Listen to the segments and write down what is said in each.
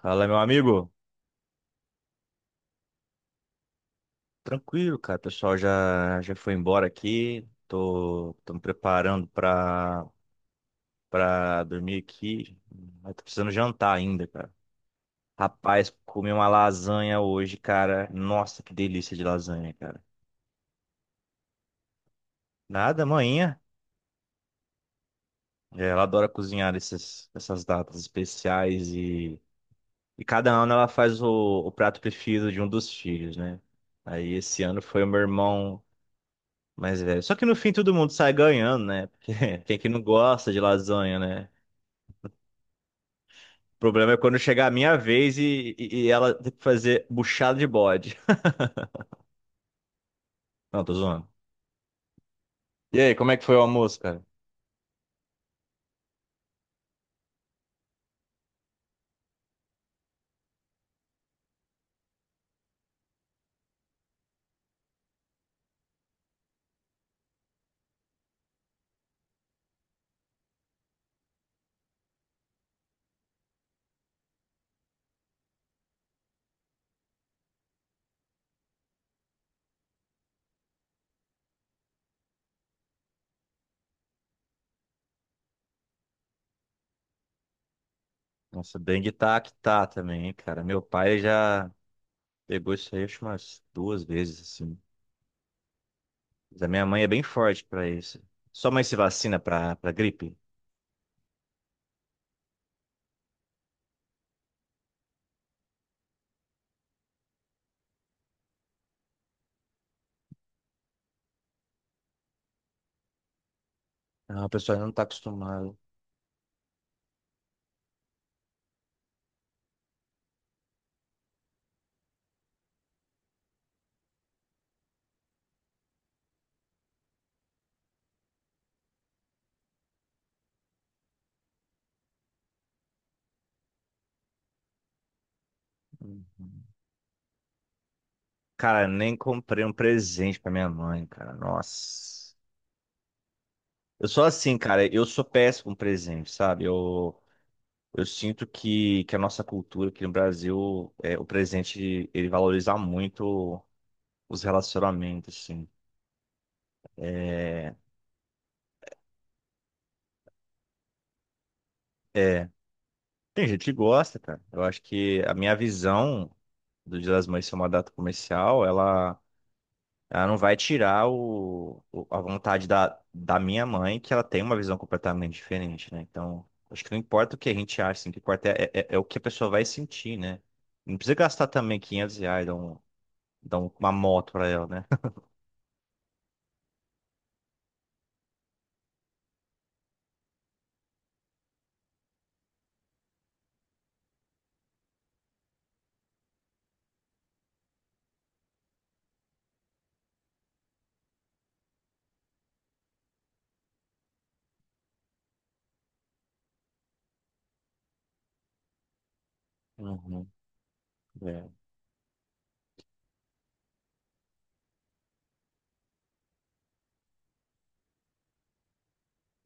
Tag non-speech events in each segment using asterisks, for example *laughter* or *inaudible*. Fala, meu amigo. Tranquilo, cara. O pessoal já foi embora aqui. Tô me preparando pra dormir aqui. Mas tô precisando jantar ainda, cara. Rapaz, comi uma lasanha hoje, cara. Nossa, que delícia de lasanha, cara. Nada, amanhã. É, ela adora cozinhar essas datas especiais e cada ano ela faz o prato preferido de um dos filhos, né? Aí esse ano foi o meu irmão. Mas, velho, só que no fim todo mundo sai ganhando, né? Porque *laughs* quem que não gosta de lasanha, né? O problema é quando chegar a minha vez e ela tem que fazer buchada de bode. *laughs* Não, tô zoando. E aí, como é que foi o almoço, cara? Nossa, dengue tá que tá também, hein, cara. Meu pai já pegou isso aí, acho, umas duas vezes, assim. Mas a minha mãe é bem forte pra isso. Sua mãe se vacina pra gripe? Não, o pessoal ainda não tá acostumado. Uhum. Cara, nem comprei um presente pra minha mãe, cara. Nossa. Eu sou assim, cara, eu sou péssimo presente, sabe? Eu sinto que a nossa cultura aqui no Brasil, é, o presente, ele valoriza muito os relacionamentos, assim. É, é, tem gente que gosta, cara. Eu acho que a minha visão do Dia das Mães ser uma data comercial, ela não vai tirar a vontade da minha mãe, que ela tem uma visão completamente diferente, né? Então, acho que não importa o que a gente acha, assim, o que importa é o que a pessoa vai sentir, né? Não precisa gastar também R$ 500, dar uma moto pra ela, né? *laughs* Uhum, é.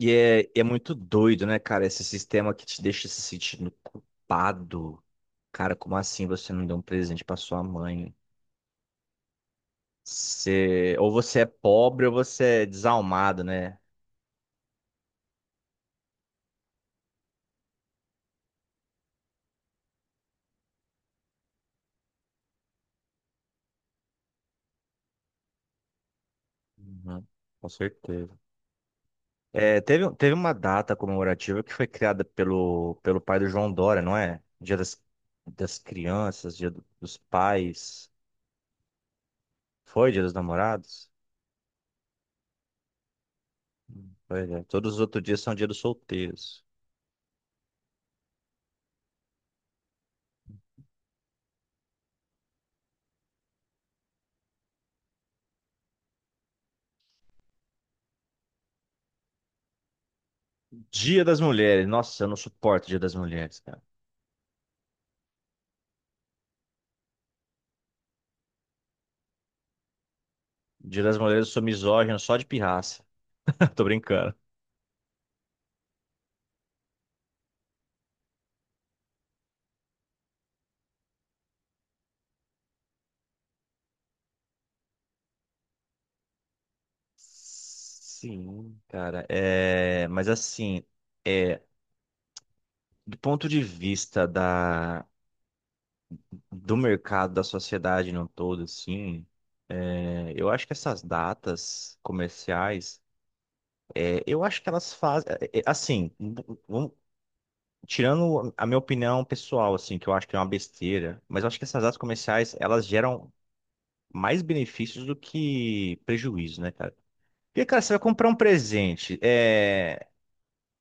E é, é muito doido, né, cara? Esse sistema que te deixa se sentindo culpado. Cara, como assim você não deu um presente pra sua mãe? Você, ou você é pobre ou você é desalmado, né? Uhum, com certeza. É, teve uma data comemorativa que foi criada pelo pai do João Dória, não é? Dia das crianças, dos pais. Foi dia dos namorados? Pois é. Todos os outros dias são dia dos solteiros. Dia das mulheres. Nossa, eu não suporto dia das mulheres, cara. Dia das mulheres eu sou misógino só de pirraça. *laughs* Tô brincando. Sim, cara. É, mas assim, é, do ponto de vista do mercado, da sociedade no todo, assim, é, eu acho que essas datas comerciais, é, eu acho que elas fazem, é, é, assim, v- vamos- tirando a minha opinião pessoal, assim, que eu acho que é uma besteira, mas eu acho que essas datas comerciais, elas geram mais benefícios do que prejuízo, né, cara? Porque, cara, você vai comprar um presente,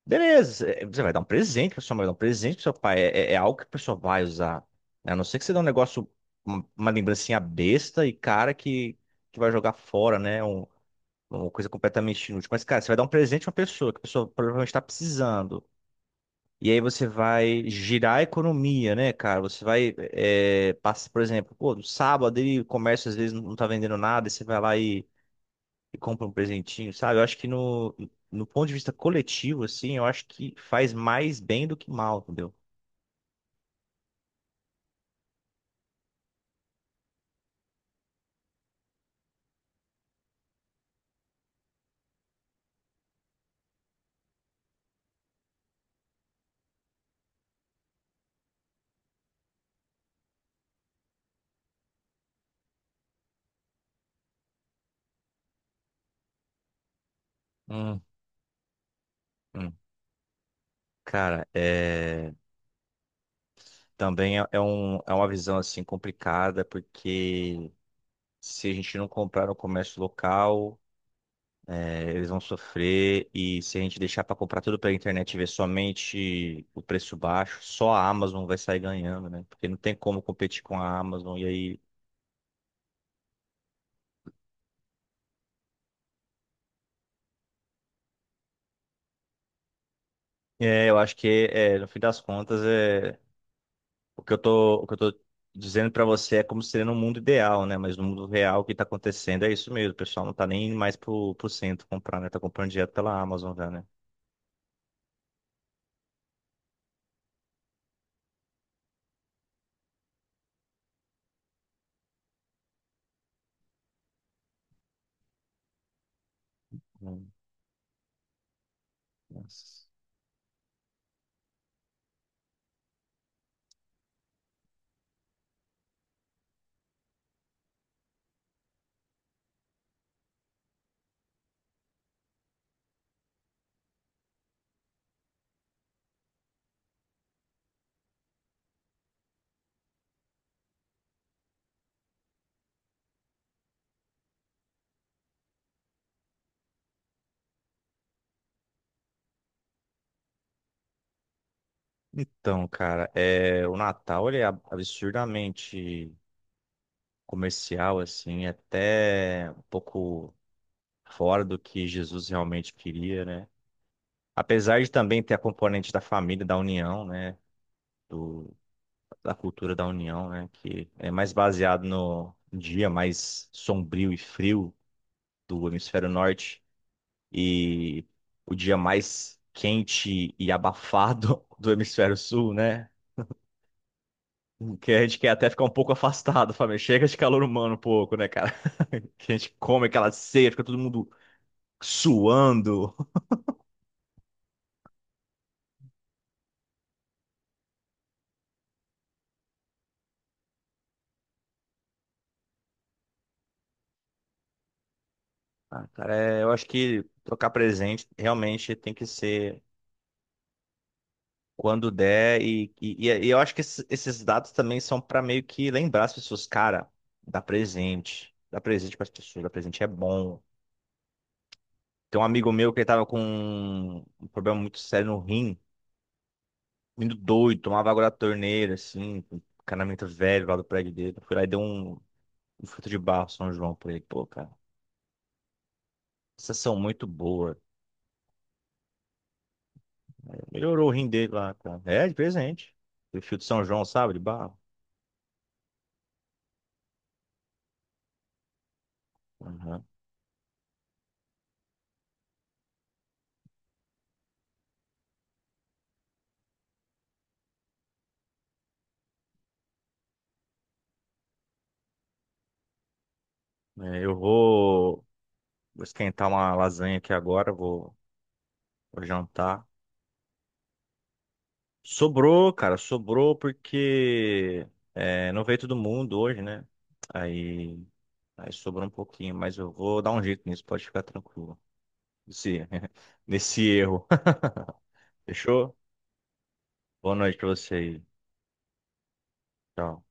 beleza, é, você vai dar um presente para sua mãe, vai dar um presente pro seu pai. É, é algo que a pessoa vai usar. Né? A não ser que você dê um negócio, uma lembrancinha besta e cara que vai jogar fora, né? Uma coisa completamente inútil. Mas, cara, você vai dar um presente pra uma pessoa que a pessoa provavelmente está precisando. E aí você vai girar a economia, né, cara? Você vai, é, passa, por exemplo, pô, no sábado aí o comércio às vezes não tá vendendo nada, e você vai lá e compra um presentinho, sabe? Eu acho que no ponto de vista coletivo, assim, eu acho que faz mais bem do que mal, entendeu? Hum, hum. Cara, é... também é, é um, é uma visão, assim, complicada, porque se a gente não comprar no comércio local, é, eles vão sofrer, e se a gente deixar para comprar tudo pela internet e ver somente o preço baixo, só a Amazon vai sair ganhando, né? Porque não tem como competir com a Amazon, e aí... É, eu acho que, é, no fim das contas, é. O que eu tô dizendo pra você é como seria no mundo ideal, né? Mas no mundo real, o que tá acontecendo é isso mesmo. O pessoal não tá nem indo mais pro centro comprar, né? Tá comprando direto pela Amazon já, né? Hum, nossa. Então, cara, é, o Natal ele é absurdamente comercial, assim, até um pouco fora do que Jesus realmente queria, né? Apesar de também ter a componente da família, da união, né? Da cultura da União, né? Que é mais baseado no dia mais sombrio e frio do hemisfério norte e o dia mais quente e abafado *laughs* do hemisfério sul, né? Que a gente quer até ficar um pouco afastado, família. Chega de calor humano um pouco, né, cara? *laughs* Que a gente come aquela ceia, fica todo mundo suando. Ah, cara, é, eu acho que trocar presente realmente tem que ser. Quando der, e eu acho que esses dados também são para meio que lembrar as pessoas, cara, dá presente para as pessoas, dá presente é bom. Tem um amigo meu que ele tava com um problema muito sério no rim, indo doido, tomava água da torneira, assim, um encanamento velho lá do prédio dele. Eu fui lá e dei um fruto de barro São João pra ele. Pô, cara, vocês são muito boa. Melhorou o rim dele lá, cara. É, de presente. O fio de São João, sabe, de barro. Aham. É, eu vou. Vou esquentar uma lasanha aqui agora, vou, vou jantar. Sobrou, cara, sobrou porque é, não veio todo mundo hoje, né? Aí, aí sobrou um pouquinho, mas eu vou dar um jeito nisso, pode ficar tranquilo. Nesse, *laughs* nesse erro. *laughs* Fechou? Boa noite pra você aí. Tchau.